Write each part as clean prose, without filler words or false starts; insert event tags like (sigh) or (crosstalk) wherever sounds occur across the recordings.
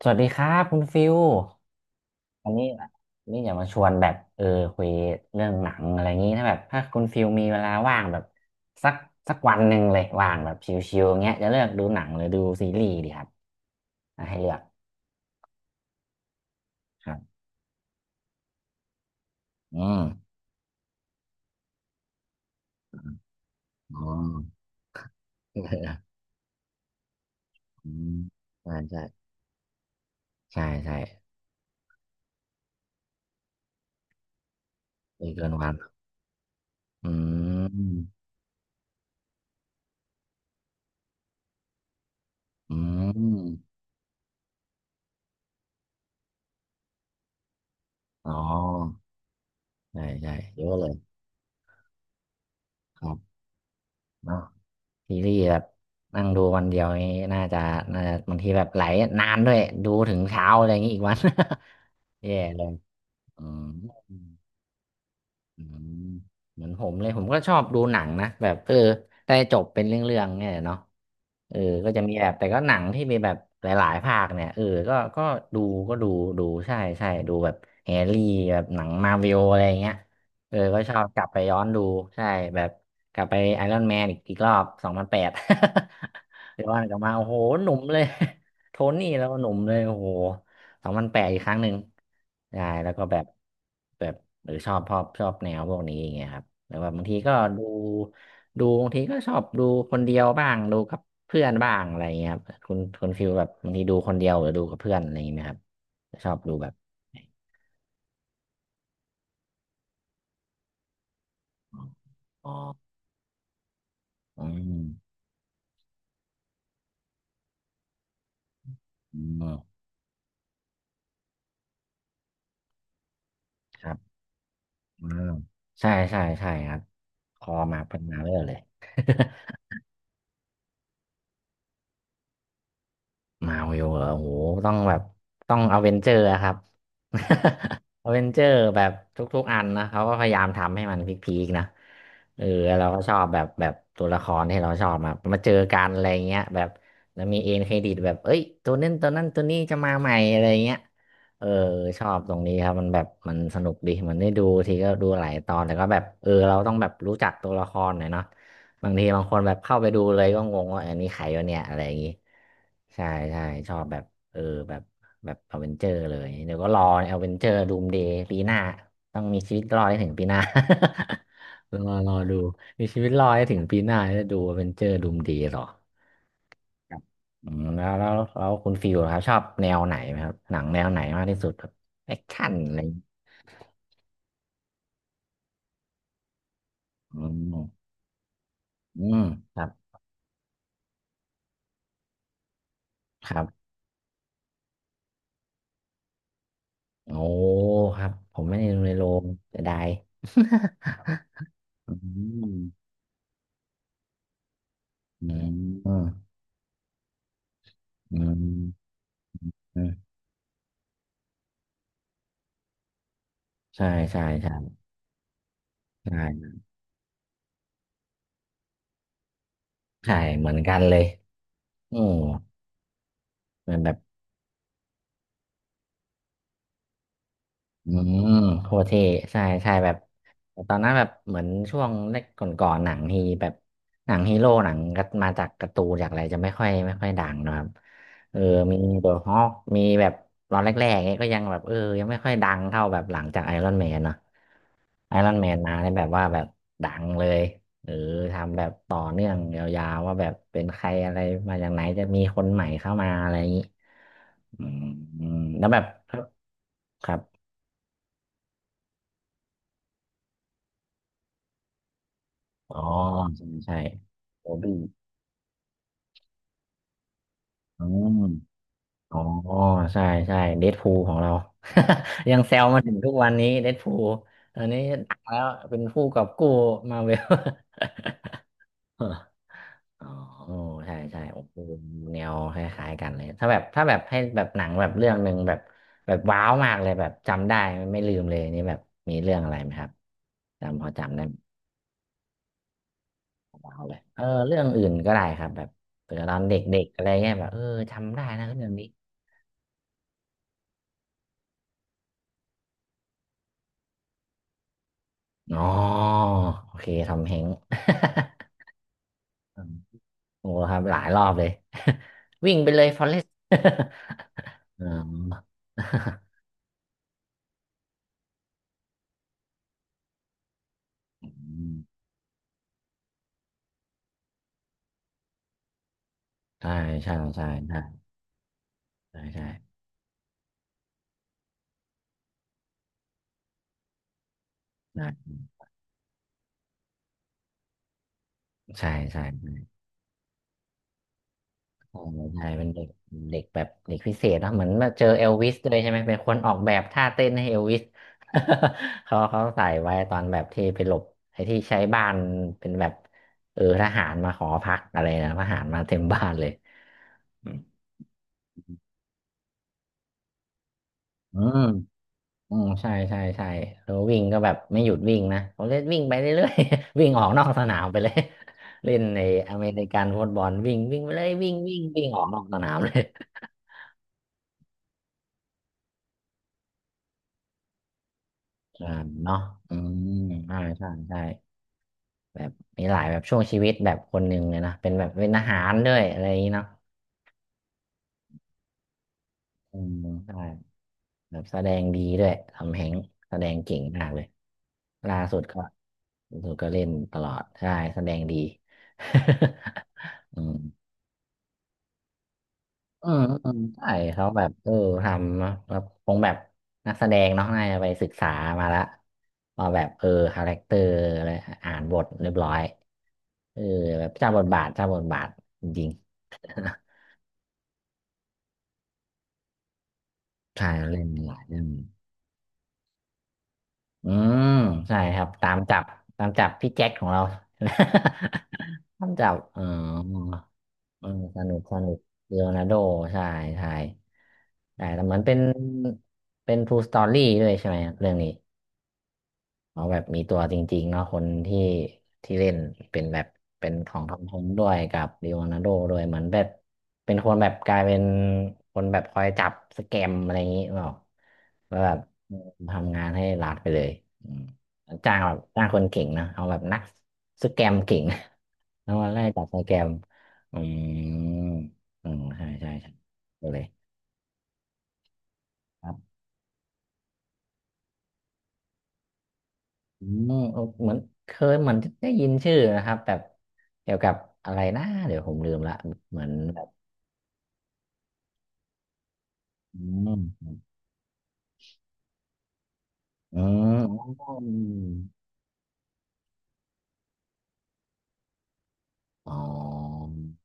สวัสดีครับคุณฟิววันนี้วันนี่อยากมาชวนแบบเออคุยเรื่องหนังอะไรอย่างนี้ถ้าแบบถ้าคุณฟิวมีเวลาว่างแบบสักสักวันหนึ่งเลยว่างแบบชิวๆอย่างเงี้ยจะเลือกดูหนังหรือดูซีรีส์ดีครับอ่ะให้เลือกครับอืมอ๋อ (laughs) เอออืมใช่ใช่ใช่ใช่ดีเกินวันอืมอืมอ๋อใช่ใช่เยอะเลยครับเนาะ ซีรีส์แบบนั่งดูวันเดียวนี้น่าจะบางทีแบบไหลนานด้วยดูถึงเช้าอะไรอย่างนี้อีกวัน (laughs) แย่เลยอืม อืมเหมือนผมเลยผมก็ชอบดูหนังนะแบบได้จบเป็นเรื่องๆเนี่ยเนาะเออก็จะมีแบบแต่ก็หนังที่มีแบบหลายๆภาคเนี่ยเออก็ดูก็ดูใช่ใช่ดูแบบแฮร์รี่แบบหนังมาร์เวลอะไรเงี้ยเออก็ชอบกลับไปย้อนดูใช่แบบกลับไปไอรอนแมนอีกรอบสองพันแปด (laughs) ย้อนกลับมาโอ้โหหนุ่มเลย (laughs) โทนี่แล้วก็หนุ่มเลยโอ้โห สองพันแปดอีกครั้งหนึ่งใช่แล้วก็แบบแบบหรือชอบแนวพวกนี้อย่างเงี้ยครับแล้วแบบบางทีก็ดูดูบางทีก็ชอบดูคนเดียวบ้างดูกับเพื่อนบ้างอะไรอย่างเงี้ยครับคุณฟิลแบบบางทีดูคนเดียวหรือดูกับเพื่อนอะไรอย่างเงี้ยไหมครับชอบดูแบบไหนอ๋ออืมอืมครับอืมใช่ใช่ใช่ครับ คอมาเป็นมาเรื่อยเลย มาวิวเหรอโอ้โหต้องแบบต้องอเวนเจอร์อะครับ (laughs) อเวนเจอร์แบบทุกๆอันนะเขาก็พยายามทำให้มันพีคๆนะเออเราก็ชอบแบบตัวละครที่เราชอบมาเจอกันอะไรเงี้ยแบบแล้วมีเอ็นเครดิตแบบเอ้ยตัวนั้นตัวนั้นตัวนี้จะมาใหม่อะไรเงี้ยเออชอบตรงนี้ครับมันแบบมันสนุกดีมันได้ดูทีก็ดูหลายตอนแต่ก็แบบเออเราต้องแบบรู้จักตัวละครหน่อยเนาะ บางทีบางคนแบบเข้าไปดูเลยก็งงว่าอันนี้ใครวะเนี่ยอะไรอย่างงี้ใช่ใช่ชอบแบบเออแบบแบบอเวนเจอร์เลยเดี๋ยวก็รออเวนเจอร์ดูมเดย์ปีหน้าต้องมีชีวิตรอดให้ถึงปีหน้า (laughs) รอรอดูมีชีวิตรอดให้ถึงปีหน้าจะดูอเวนเจอร์ดูมเดย์หรอครับอืมแล้วคุณฟิลครับชอบแนวไหนไหมครับหนังแนวไหนมากที่สุดครับแอคชั่นอะไรอย่างงี้อืมอืมครับครับ โอ้ครับ ผมไม่ได้ดูในโรงเสียดาย (laughs) อืมอืมอืมอืมใช่ใช่ใช่ใช่ใช่เหมือนกันเลยอืมเหมือนแบบอืมโคตรเท่ใช่ใช่แบบตอนนั้นแบบ เหมือนช่วงแรกก่อนๆหนังฮีแบบ หนังฮีโร่หนังก็มาจากการ์ตูนจากอะไรจะไม่ค่อยดังนะครับ เออมีเดอะฮอคมีแบบตอนแรกๆเนี้ยก็ยังแบบเออ ยังไม่ค่อยดังเท่าแบบหลังจากไอรอนแมนเนาะ ไอรอนแมนมาได้แบบว่าแบบดังเลยหรือทำแบบต่อเนื่องยาวๆว่าแบบเป็นใครอะไรมาจากไหนจะมีคนใหม่เข้ามาอะไรอย่างนี้อืมอืมแล้วแบบครับอ๋อใช่ใช่โอบี้อืมอ๋อใช่ใช่เดดพูลของเรา (laughs) ยังแซวมาถึงทุกวันนี้เดดพูลตอนนี้ดังแล้วเป็นผู้กอบกู้มาเวล (laughs) อ๋อใช่ใช่โอ้โหแนวคล้ายๆกันเลยถ้าแบบหนังแบบเรื่องหนึ่งแบบว้าวมากเลยแบบจำได้ไม่ลืมเลยนี่แบบมีเรื่องอะไรไหมครับจำพอจำได้ไหมว้าวเลยเออเรื่องอื่นก็ได้ครับแบบเผื่อตอนเด็กๆอะไรเงี้ยแบบเออจำได้นะเรื่องนี้อ๋อโอเคทำเฮง (laughs) อืม (laughs) โอ้ครับหลายรอบเลย (laughs) วิ่งไปเลยฟ (laughs) อเรส (laughs) อ๋อ (laughs) ใช่ใช่ใช่ใช่ใช่ ได้ใช่โอ้ใช่เป็นเด็กเด็กแบบเด็กพิเศษเนอะเหมือนมาเจอเอลวิสด้วยใช่ไหมเป็นคนออกแบบท่าเต้นให้เอลวิส (laughs) เขาใส่ไว้ตอนแบบที่ไปหลบไอ้ที่ใช้บ้านเป็นแบบเออทหารมาขอพักอะไรนะทหารมาเต็มบ้านเลยอืมอืมอืมใช่แล้ววิ่งก็แบบไม่หยุดวิ่งนะเขาเล่นวิ่งไปเรื่อยๆ (laughs) วิ่งออกนอกสนามไปเลย (laughs) เล่นในอเมริกันฟุตบอลวิ่งวิ่งไปเลยวิ่งวิ่งวิ่งออกนอกสนามเลย อ่าเนาะอืมใช่ใช่ใช่แบบมีหลายแบบช่วงชีวิตแบบคนหนึ่งเลยนะเป็นแบบเป็นอาหารด้วยอะไรอย่างนี้เนาะอืมใช่แบบแสดงดีด้วยทำแฮงค์แสดงเก่งมากเลยล่าสุดก็ล่าสุดก็เล่นตลอดใช่แสดงดี (laughs) อืม อืมอืมใช่เขาแบบทำเนอะแบบคงแบบนักแสดงเนาะน่าจะไปศึกษามาละว่าแบบคาแรคเตอร์อะไรอ่านบทเรียบร้อยเออแบบเจ้าบทบาทเจ้าบทบาทจริงๆ (laughs) ใช่เล่นหลายเรื่องอืมใช่ครับตามจับตามจับพี่แจ็คของเรา (laughs) ตามจับอ๋อเออสนุกสนุกเลโอนาร์โดใช่ใช่แต่เหมือนเป็นเป็น True Story ด้วยใช่ไหมครับเรื่องนี้ เอาแบบมีตัวจริงๆเนาะคนที่ที่เล่นเป็นแบบเป็นของทอมฮงด้วยกับลีโอนาร์โดด้วยเหมือนแบบเป็นคนแบบกลายเป็นคนแบบคอยจับสแกมอะไรอย่างนี้เปล่าแล้วแบบทำงานให้รัฐไปเลยอืมจ้างแบบจ้างคนเก่งนะเอาแบบนักสแกมเก่ง (laughs) แล้วมาไล่จับสแกมอืมอืมใช่ใช่ใช่ไปเลย อืมเออเหมือนเคยเหมือนได้ยินชื่อนะครับแบบเกี่ยวกับอะไรนะเดี๋ยวผมลืมละเหมือนแบบอืมอืมอ๋อ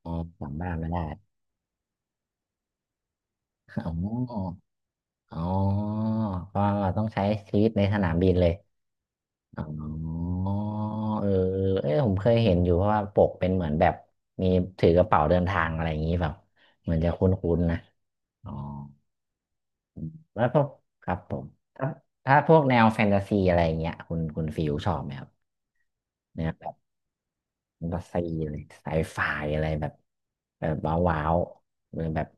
อ๋อจำบ้านไม่ได้อ๋ออ๋อเพราะว่าต้องใช้ชีวิตในสนามบินเลยอ๋อเออเออผมเคยเห็นอยู่เพราะว่าปกเป็นเหมือนแบบมีถือกระเป๋าเดินทางอะไรอย่างนี้แบบเหมือนจะคุ้นๆนะอ๋อ แล้วพวกครับผมถ้าถ้าพวกแนวแฟนตาซีอะไรอย่างเงี้ยคุณคุณฟิวชอบไหมครับแนวแบบแฟนตาซีเลยไซไฟอะไรแบบแบบว้าวๆเป็นแบบ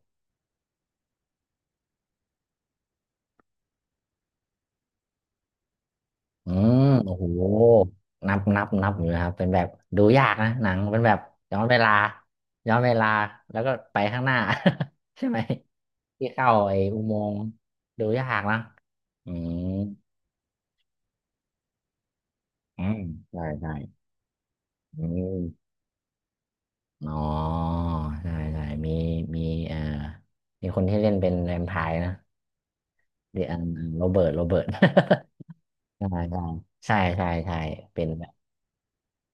อืมโอ้โหนับนับนับอยู่นะครับเป็นแบบดูยากนะหนังเป็นแบบย้อนเวลาย้อนเวลาแล้วก็ไปข้างหน้า (laughs) ใช่ไหมที่เข้าไอ้อุโมงค์ดูยากนะอืมอืมได้ได้อืม อ๋อใช่ใช่มีมีเอ่อมีคนที่เล่นเป็นแวมไพร์นะเดอันโรเบิร์ตโรเบิร์ต (laughs) ใช่ใช่ใช่ใช่ใช่เป็นแบบ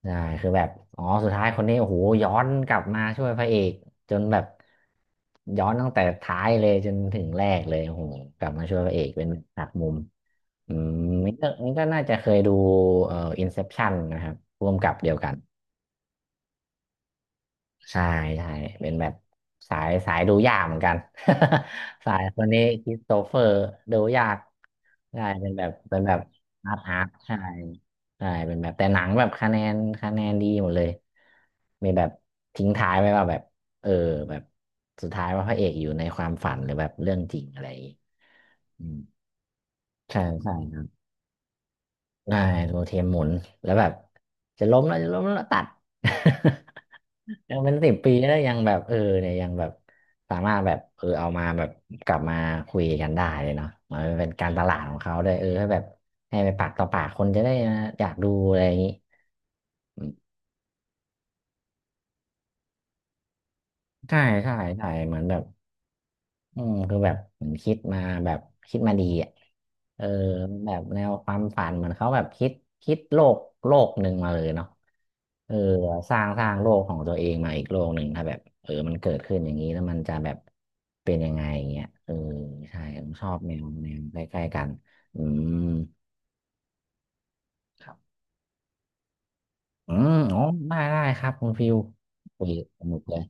ใช่คือแบบอ๋อสุดท้ายคนนี้โอ้โหย้อนกลับมาช่วยพระเอกจนแบบย้อนตั้งแต่ท้ายเลยจนถึงแรกเลยโอ้โหกลับมาช่วยพระเอกเป็นหักมุมอืมนี่ก็นี่ก็น่าจะเคยดูอินเซปชันนะครับร่วมกับเดียวกัน ใช่ใช่เป็นแบบสายสายดูยากเหมือนกัน (laughs) สายคนนี้คริสโตเฟอร์ดูยากใช่เป็นแบบเป็นแบบอาร์ตอาร์ตใช่ใช่เป็นแบบแต่หนังแบบคะแนนคะแนนดีหมดเลยมีแบบทิ้งท้ายไว้ว่าแบบเออแบบสุดท้ายว่าพระเอกอยู่ในความฝันหรือแบบเรื่องจริงอะไรอย่างงี้อืมใช่ใช่ ได้โรเทมหมุนแล้วแบบจะล้มแล้วจะล้มแล้วตัด (laughs) ยังเป็น10 ปีแล้วยังแบบเออเนี่ยยังแบบสามารถแบบเออเอามาแบบกลับมาคุยกันได้เลยเนาะมันเป็นการตลาดของเขาด้วยเออให้แบบให้ไปปากต่อปากคนจะได้อยากดูอะไรอย่างนี้ใช่ใช่ใช่เหมือนแบบ อืมคือแบบผมคิดมาแบบคิดมาดีอ่ะเออแบบแนวความฝันเหมือนเขาแบบคิดคิดโลกโลกหนึ่งมาเลยเนาะเออสร้างสร้างโลกของตัวเองมาอีกโลกหนึ่งถ้าแบบเออมันเกิดขึ้นอย่างนี้แล้วมันจะแบบเป็นยังไงอย่างเงี้ยเออใช่ผมชอบแนวแนวใกล้ๆกันอืมครับอืมอ๋อได้ได้ครับคุณฟิวคุยสนุกเลย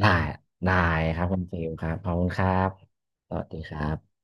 ได้ได้ครับคุณฟิวครับขอบคุณครับสวัสดีครับ